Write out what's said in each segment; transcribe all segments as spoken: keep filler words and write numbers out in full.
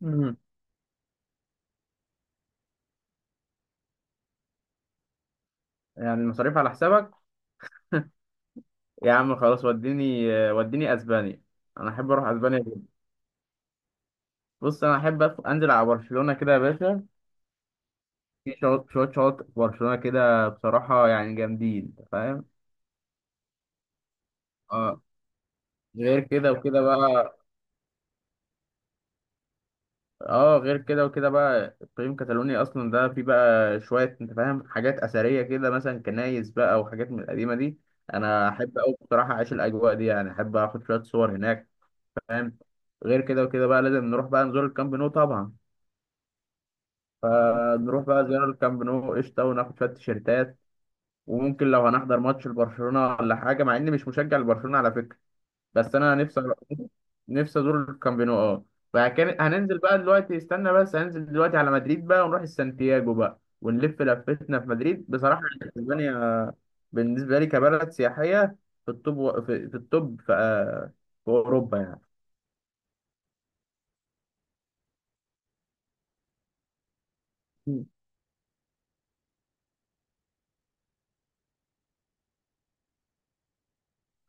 مم. يعني المصاريف على حسابك؟ يا عم خلاص وديني آه، وديني اسبانيا. انا احب اروح اسبانيا جدا. بص انا احب أف- انزل على برشلونه كده يا باشا. في شواط- شويه شواطئ في برشلونه كده بصراحه، يعني جامدين، انت فاهم. اه، غير كده وكده بقى. اه، غير كده وكده بقى اقليم كاتالونيا اصلا ده فيه بقى شويه، انت فاهم، حاجات اثريه كده، مثلا كنايس بقى وحاجات من القديمه دي. انا احب اوي بصراحه اعيش الاجواء دي، يعني احب اخد شويه صور هناك. فاهم. غير كده وكده بقى لازم نروح بقى نزور الكامب نو طبعا. فنروح بقى زيارة الكامب نو قشطة، وناخد شوية تيشيرتات. وممكن لو هنحضر ماتش لبرشلونة ولا حاجة، مع إني مش مشجع لبرشلونة على فكرة. بس أنا نفسي نفسي أزور الكامب نو أه فكان هننزل بقى دلوقتي، استنى بس، هننزل دلوقتي على مدريد بقى، ونروح السانتياجو بقى، ونلف لفتنا في مدريد بصراحة. اسبانيا بالنسبة لي كبلد سياحية في التوب في, في التوب في, آه، في أوروبا، يعني.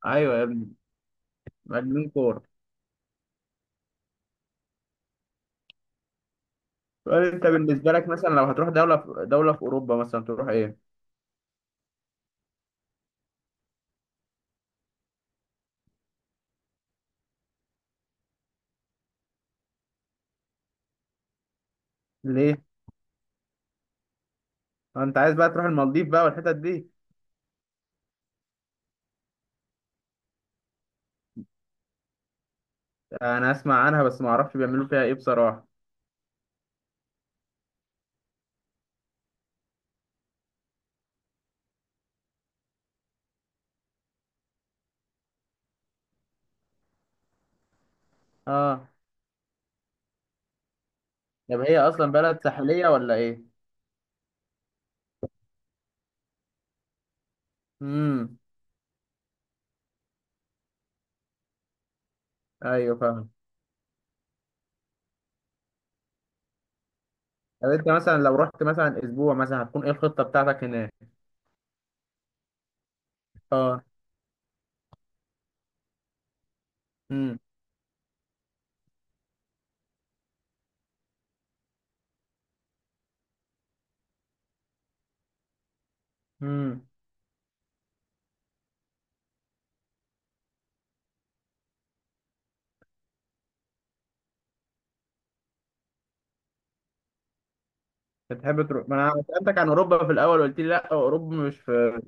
أيوة يا ابني، مجنون كورة. سؤال، انت بالنسبه لك مثلا لو هتروح دوله في دوله في اوروبا مثلا، تروح ايه؟ ليه؟ انت عايز بقى تروح المالديف بقى والحتت دي؟ انا اسمع عنها بس ما اعرفش بيعملوا فيها ايه بصراحه. اه. طب هي اصلا بلد ساحليه ولا ايه؟ امم. ايوه، فاهم. طب انت مثلا لو رحت مثلا اسبوع مثلا، هتكون ايه الخطه بتاعتك هناك؟ اه. امم. امم. بتحب تروح؟ ما انا سالتك عن اوروبا في الاول وقلت لي لا، اوروبا مش في،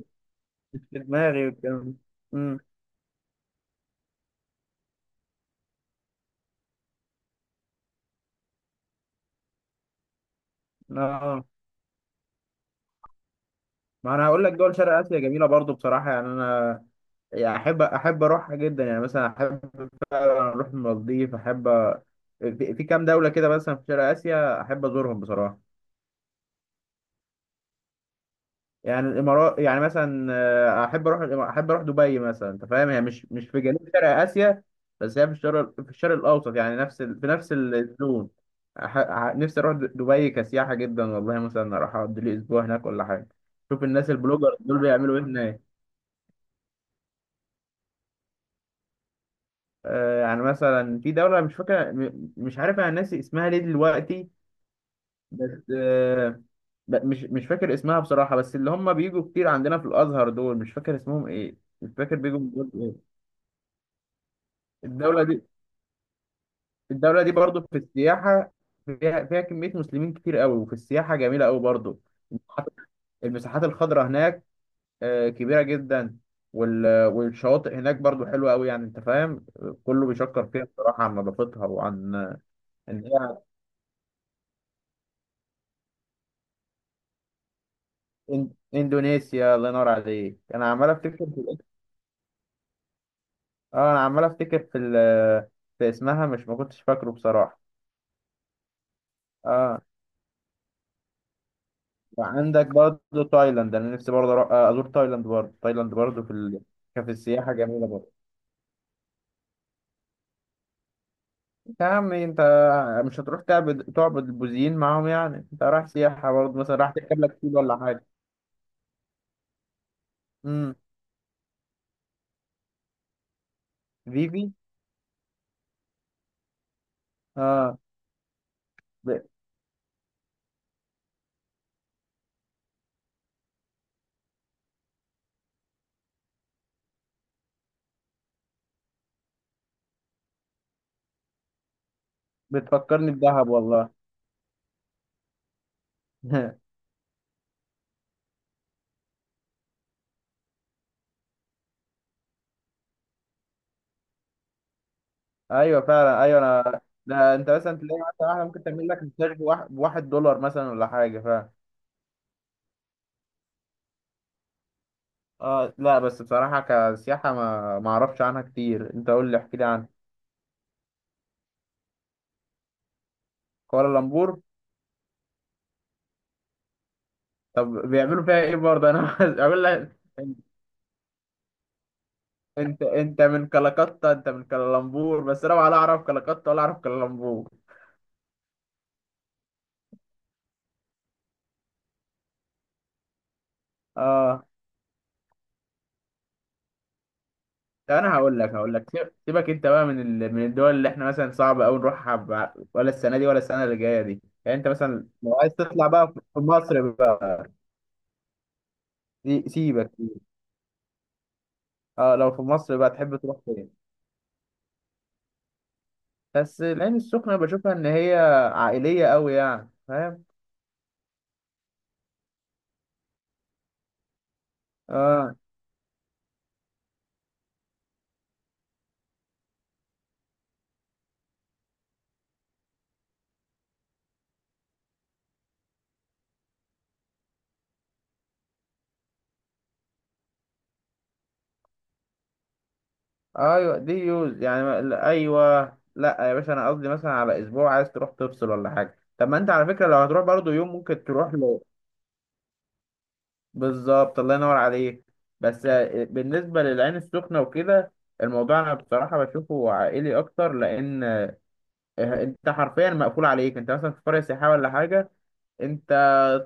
مش في دماغي والكلام ده. امم. اه. ما انا هقول لك دول شرق اسيا جميله برضو بصراحه، يعني انا، يعني احب احب اروحها جدا، يعني مثلا احب اروح المالديف، احب أ- في في كام دوله كده مثلا في شرق اسيا احب ازورهم بصراحه. يعني الامارات يعني مثلا، آه، احب اروح الإما- احب اروح دبي مثلا، انت فاهم، هي مش مش في جنوب شرق اسيا، بس هي في الشرق في الشرق الاوسط، يعني نفس ال... في نفس الزون. أح... أح- نفسي اروح د- دبي كسياحه جدا والله، مثلا اروح اقضي لي اسبوع هناك ولا حاجه، شوف الناس البلوجر دول بيعملوا ايه هناك. آه، يعني مثلا في دولة، مش فاكرة م- مش عارف، انا ناسي اسمها ليه دلوقتي. بس آه، ب- مش مش فاكر اسمها بصراحة. بس اللي هم بيجوا كتير عندنا في الأزهر دول، مش فاكر اسمهم إيه، مش فاكر بيجوا من دول إيه. الدولة دي الدولة دي برضو في السياحة، فيها فيها كمية مسلمين كتير قوي، وفي السياحة جميلة قوي برضو. المساحات المساحات الخضراء هناك آه، كبيرة جدا، وال- والشواطئ هناك برضو حلوة قوي، يعني أنت فاهم، كله بيشكر فيها بصراحة عن نظافتها وعن إن هي إن- إندونيسيا. الله ينور عليك، أنا عمال أفتكر. اه، انا عمال افتكر في ال في اسمها، مش، ما كنتش فاكره بصراحه. اه، وعندك برضه تايلاند، انا نفسي برضه أروح- آه، ازور تايلاند برضه تايلاند برضه في ال... كان في السياحه جميله برضه. انت يا عم انت، مش هتروح تعبد تعبد البوذيين معاهم، يعني انت رايح سياحه برضه، مثلا راح تركب لك فيل ولا حاجه. امم. فيفي. اه. ب... بتفكرني بدهب والله. ايوه فعلا، ايوه انا ده، انت مثلا تلاقي مثلا واحده ممكن تعمل لك مساج بواحد بواحد دولار مثلا ولا حاجه. اه لا، بس بصراحة كسياحة ما ما اعرفش عنها كتير، انت قول لي احكي لي عنها. كوالالمبور. طب بيعملوا فيها ايه برضه؟ انا عايز اقول لك انت انت أنت من كلكتة، انت من كلالمبور، بس انا ولا اعرف كلكتة ولا اعرف كلالمبور. اه. طب انا هقول لك هقول لك سيب- سيبك انت بقى من ال... من الدول اللي احنا مثلا صعب قوي نروحها، ب... ولا السنة دي ولا السنة اللي جاية دي، يعني انت مثلا لو عايز تطلع بقى في في مصر بقى. سي- سيبك. اه، لو في مصر بقى تحب تروح فين؟ بس العين السخنة بشوفها إن هي عائلية أوي، يعني فاهم؟ آه. أيوة دي يوز، يعني ما- لا، أيوة. لأ يا باشا، أنا قصدي مثلا على أسبوع عايز تروح تفصل ولا حاجة. طب ما أنت على فكرة لو هتروح برضو يوم ممكن تروح له. بالظبط، الله ينور عليك. بس آه، بالنسبة للعين السخنة وكده، الموضوع أنا بصراحة بشوفه عائلي أكتر، لأن آه، أنت حرفيا مقفول عليك، أنت مثلا في قرية سياحية ولا حاجة. انت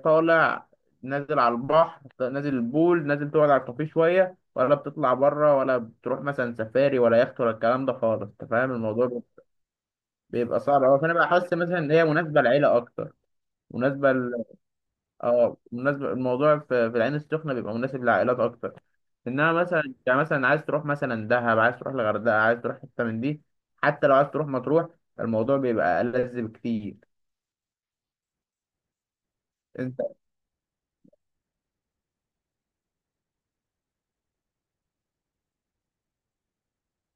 طالع، نازل على البحر، نازل البول، نازل تقعد على الكافيه شويه، ولا بتطلع بره، ولا بتروح مثلا سفاري ولا يخت ولا الكلام ده خالص، انت فاهم الموضوع بيبقى صعب قوي. فانا بحس مثلا ان هي مناسبه للعيله اكتر، مناسبه ل... اه، مناسبه. الموضوع في, في العين السخنه بيبقى مناسب للعائلات اكتر. انما مثلا انت مثلا عايز تروح مثلا دهب، عايز تروح الغردقه، عايز تروح حته من دي، حتى لو عايز تروح مطروح، الموضوع بيبقى ألذ بكتير.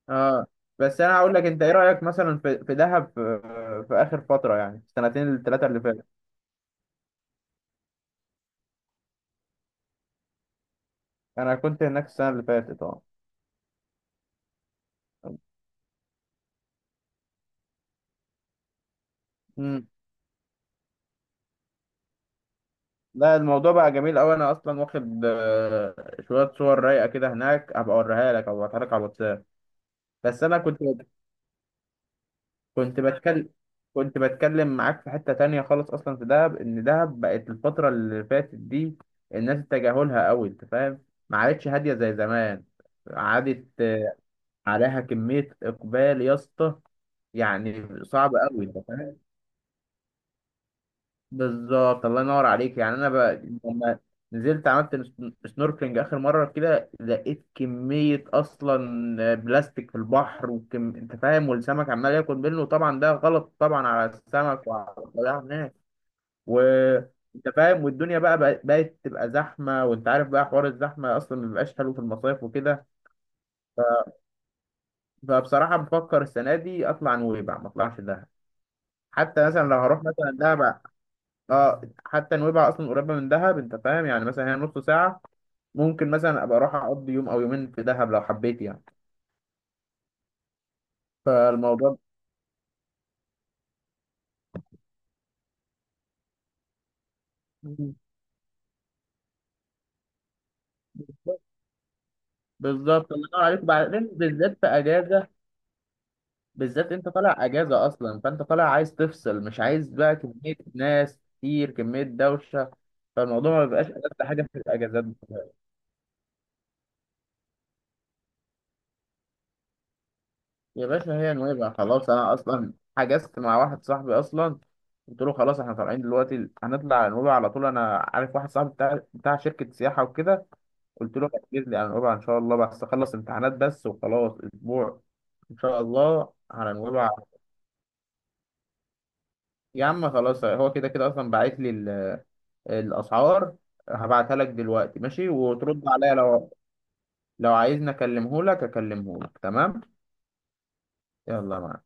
اه. بس انا هقول لك، انت ايه رايك مثلا في في دهب في, في اخر فتره، يعني السنتين الثلاثه اللي فاتت؟ انا كنت هناك السنه اللي فاتت، اه. امم. لا، الموضوع بقى جميل قوي، انا اصلا واخد آه، شويه صور رايقه كده هناك، هبقى اوريها لك او هبعتها لك على الواتساب. بس انا كنت كنت بتكلم كنت بتكلم معاك في حته تانية خالص، اصلا في دهب، ان دهب بقت الفتره اللي فاتت دي الناس تجاهلها قوي، انت فاهم، ما عادتش هاديه زي زمان، عادت عليها كميه اقبال يا اسطى، يعني صعب قوي، انت فاهم. بالظبط، الله ينور عليك، يعني انا بقى لما نزلت عملت سنوركلينج اخر مره كده، لقيت كميه اصلا بلاستيك في البحر وكم... انت فاهم، والسمك عمال ياكل منه، وطبعا ده غلط طبعا على السمك وعلى الطبيعه هناك. و انت فاهم، والدنيا بقى بقى- بقت تبقى زحمه، وانت عارف بقى حوار الزحمه اصلا ما بيبقاش حلو في المصايف وكده. فبصراحه بفكر السنه دي اطلع نويبع ما اطلعش دهب. حتى مثلا لو هروح مثلا دهب، اه، حتى نويبع اصلا قريبه من دهب، انت فاهم، يعني مثلا هي نص ساعه، ممكن مثلا ابقى اروح اقضي يوم او يومين في دهب لو حبيت، يعني فالموضوع. مم. بالظبط، الله ينور عليك، وبعدين بالذات في اجازه، بالذات انت طالع اجازه اصلا، فانت طالع عايز تفصل، مش عايز بقى كميه ناس كتير، كميه دوشه، فالموضوع ما بيبقاش ألذ حاجه في الاجازات. يا باشا هي نويبع خلاص، انا اصلا حجزت مع واحد صاحبي اصلا، قلت له خلاص احنا طالعين دلوقتي، هنطلع على نويبع على طول. انا عارف واحد صاحبي بتاع بتاع شركة سياحة وكده، قلت له هتجيب لي على نويبع ان شاء الله، بس اخلص امتحانات بس وخلاص، اسبوع ان شاء الله على نويبع. يا عم خلاص، هو كده كده اصلا باعت لي ال- الاسعار، هبعتها لك دلوقتي ماشي، وترد عليا لو، لو عايزني اكلمه لك اكلمه لك تمام. يلا، معاك